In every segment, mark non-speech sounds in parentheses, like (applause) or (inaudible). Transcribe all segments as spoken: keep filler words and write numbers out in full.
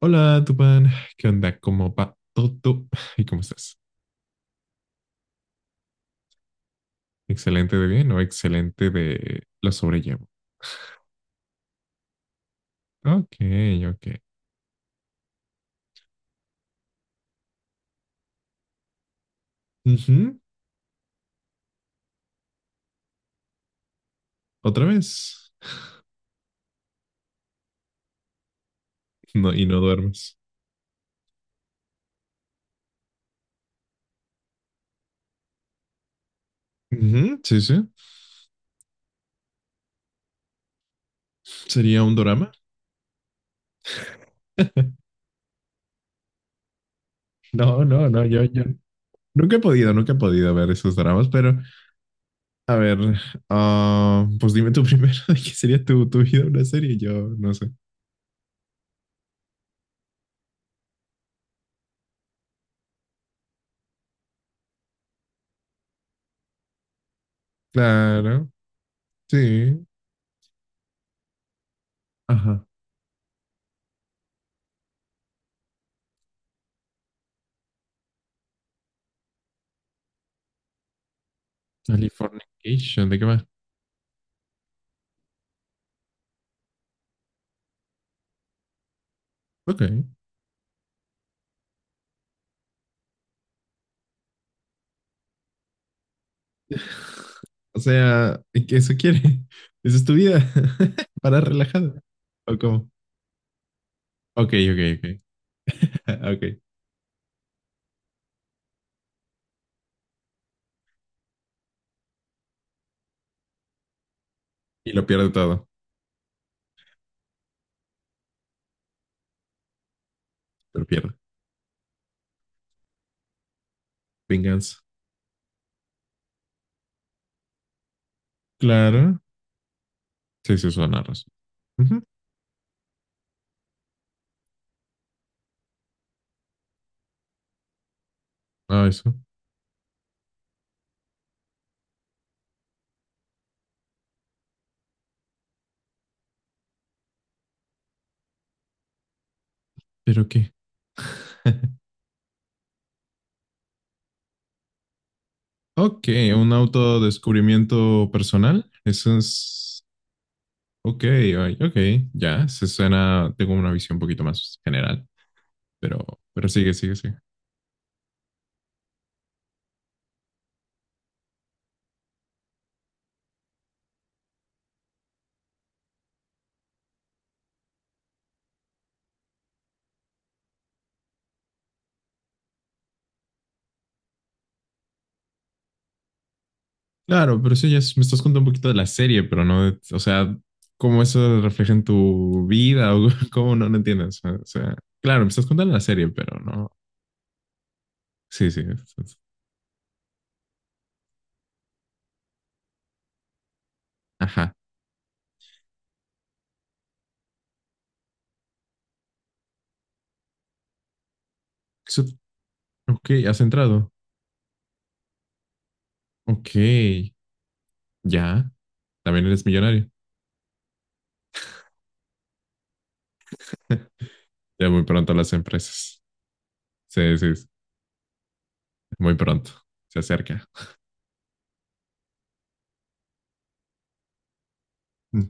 Hola, Tupán. ¿Qué onda? ¿Cómo va todo? ¿Y cómo estás? ¿Excelente de bien o excelente de lo sobrellevo? Ok, ok. Ujú. ¿Otra vez? No, y no duermes. Ujú, sí, sí. ¿Sería un drama? (laughs) No, no, no, yo, yo. Nunca he podido, nunca he podido ver esos dramas, pero a ver, ah, pues dime tú primero (laughs) de qué sería tu, tu vida una serie, yo no sé. Claro, sí. Ajá. Californication, ¿de qué va? Ok. O sea, ¿y qué eso quiere? (laughs) Esa es tu vida. (laughs) Para relajada. ¿O cómo? Ok, ok, ok. (laughs) Ok. Y lo pierde todo. Lo pierde. Venganza. Claro. Sí, sí, suena razón. Ujú. Ah, eso. ¿Pero qué? (laughs) Ok, un autodescubrimiento personal. Eso es. Ok, ay, ok. Ya, se suena. Tengo una visión un poquito más general. Pero, pero sigue, sigue, sigue. Claro, pero eso ya es... Me estás contando un poquito de la serie, pero no, de... O sea, cómo eso refleja en tu vida o (laughs) cómo no, no entiendes. O sea, claro, me estás contando la serie, pero no. Sí, sí. es- es- Ajá. Eso- ok, has entrado. Ok, ya. También eres millonario. (laughs) Ya muy pronto las empresas. Sí, sí, sí, muy pronto. Se acerca. Mm.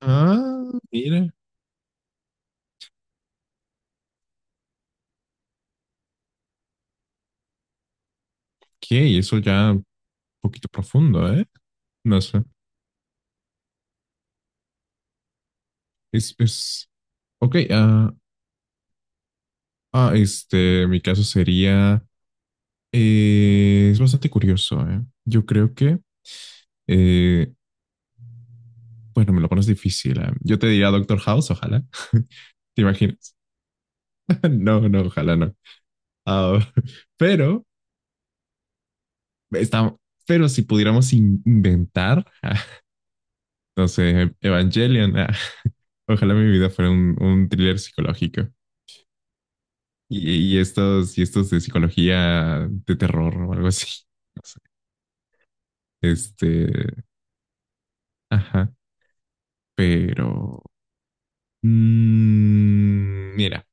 Ah, mira. Ok, eso ya un poquito profundo, ¿eh? No sé. Es, es, ok, ah, ah, este, mi caso sería, eh, es bastante curioso, ¿eh? Yo creo que, eh, bueno, me lo pones difícil, ¿eh? Yo te diría Doctor House, ojalá, ¿te imaginas? (laughs) No, no, ojalá no. Ah, (laughs) pero, está, pero si pudiéramos in- inventar, (laughs) no sé, Evangelion, ah, ojalá mi vida fuera un, un thriller psicológico. Y, y estos, y estos de psicología de terror o algo así. (laughs) No sé. Este, ajá, pero... Mm, mira,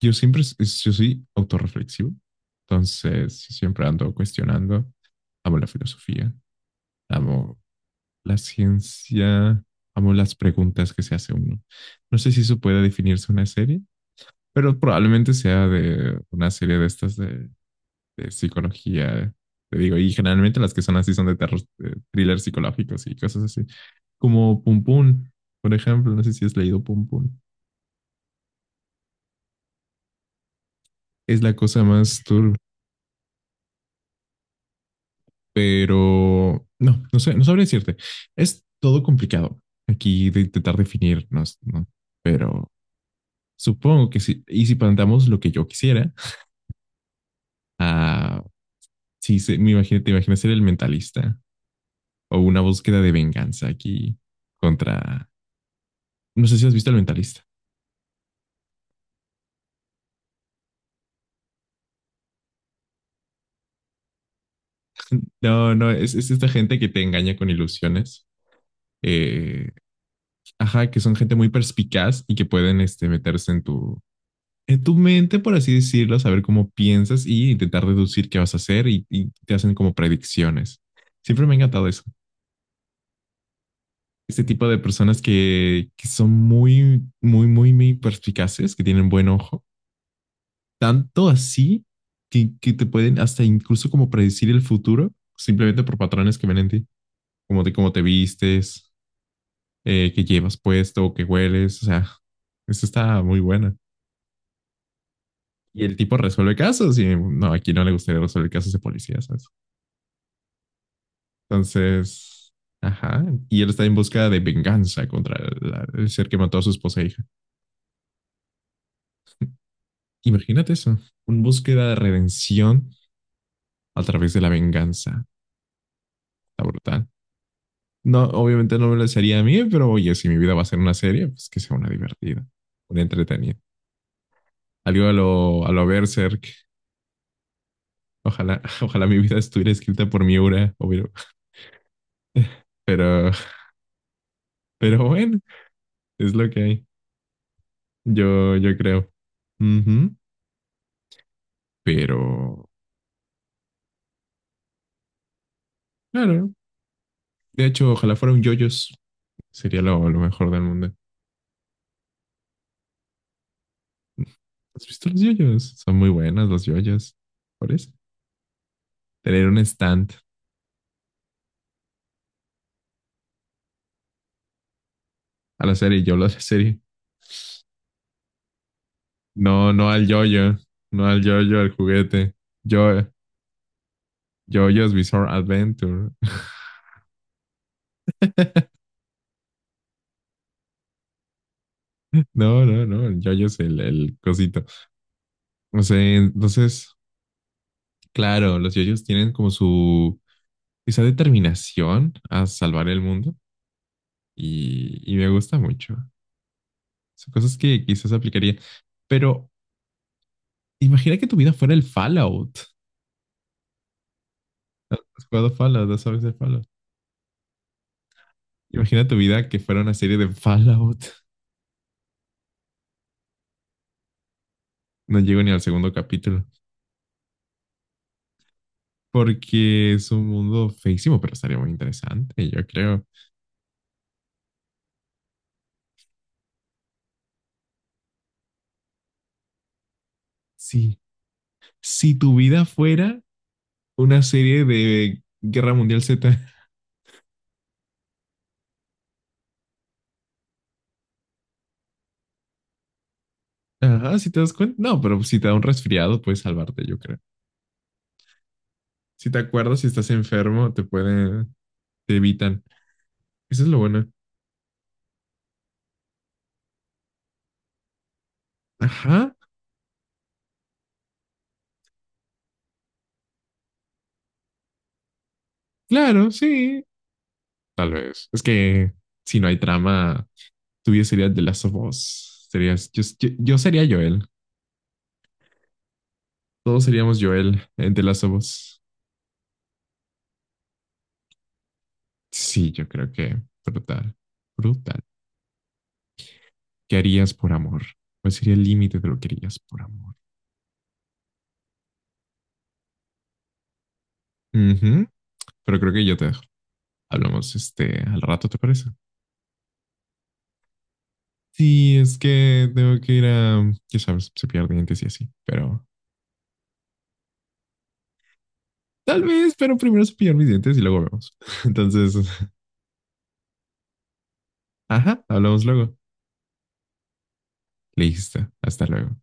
yo siempre, s- yo soy autorreflexivo, entonces yo siempre ando cuestionando. Amo la filosofía, amo la ciencia, amo las preguntas que se hace uno. No sé si eso puede definirse una serie, pero probablemente sea de una serie de estas de, de psicología. Te digo, y generalmente las que son así son de terror, de thrillers psicológicos y cosas así. Como Pum Pum, por ejemplo, no sé si has leído Pum Pum. Es la cosa más turbia. Pero no, no sé, no sabría decirte. Es todo complicado aquí de intentar definirnos, ¿no? Pero supongo que sí. Y si planteamos lo que yo quisiera, ah, sí, se- me imagino, te imaginas ser el mentalista o una búsqueda de venganza aquí contra. No sé si has visto el mentalista. No, no, es, es esta gente que te engaña con ilusiones. eh, ajá, que son gente muy perspicaz y que pueden este, meterse en tu, en tu mente, por así decirlo, saber cómo piensas y intentar deducir qué vas a hacer y, y te hacen como predicciones. Siempre me ha encantado eso. Este tipo de personas que, que son muy, muy, muy, muy perspicaces, que tienen buen ojo, tanto así que, que te pueden hasta incluso como predecir el futuro simplemente por patrones que ven en ti, como de cómo te vistes, eh, qué llevas puesto, qué hueles, o sea, eso está muy buena. Y el tipo resuelve casos y no, aquí no le gustaría resolver casos de policía, ¿sabes? Entonces, ajá. Y él está en búsqueda de venganza contra la- el ser que mató a su esposa e hija. Imagínate eso. Una búsqueda de redención a través de la venganza. Está brutal. No, obviamente no me lo sería a mí, pero oye, si mi vida va a ser una serie, pues que sea una divertida, una entretenida. Algo a lo, a lo Berserk. Ojalá, (laughs) ojalá mi vida estuviera escrita por Miura, obvio. (laughs) Pero, pero bueno, es lo que hay. Yo, yo creo. Ujú. Pero, claro, de hecho, ojalá fuera un yoyos. Sería lo, lo mejor del mundo. ¿Has visto los yoyos? Son muy buenas los yoyos. Por eso. Tener un stand a la serie, yo a la serie. No, no al yoyo. No al yoyo, al juguete. Yo, yoyos Bizarre Adventure. (laughs) No, no, no. El yoyo es el, el cosito. No sé, entonces, claro, los yoyos tienen como su, esa determinación a salvar el mundo. Y, y me gusta mucho. Son cosas que quizás aplicaría. Pero imagina que tu vida fuera el Fallout. Has jugado Fallout, no sabes de Fallout. Imagina tu vida que fuera una serie de Fallout. No llego ni al segundo capítulo. Porque es un mundo feísimo, pero estaría muy interesante, yo creo. Sí. Si tu vida fuera una serie de Guerra Mundial Z. (laughs) Ajá, si te das cuenta. No, pero si te da un resfriado, puedes salvarte, yo creo. Si te acuerdas, si estás enfermo, te pueden, te evitan. Eso es lo bueno. Ajá. Claro, sí, tal vez. Es que si no hay trama, tú ya serías The Last of Us. Serías, yo, yo, yo sería Joel. Todos seríamos Joel en The Last of Us. Sí, yo creo que brutal. Brutal. ¿Qué harías por amor? ¿Cuál sería el límite de lo que harías por amor? Ujú, pero creo que yo te dejo. Hablamos este al rato, ¿te parece? Sí, es que tengo que ir a, ya sabes, cepillar dientes y así. Pero tal vez, pero primero cepillar mis dientes y luego vemos. (laughs) Entonces, (laughs) ajá, hablamos luego. Listo, hasta luego.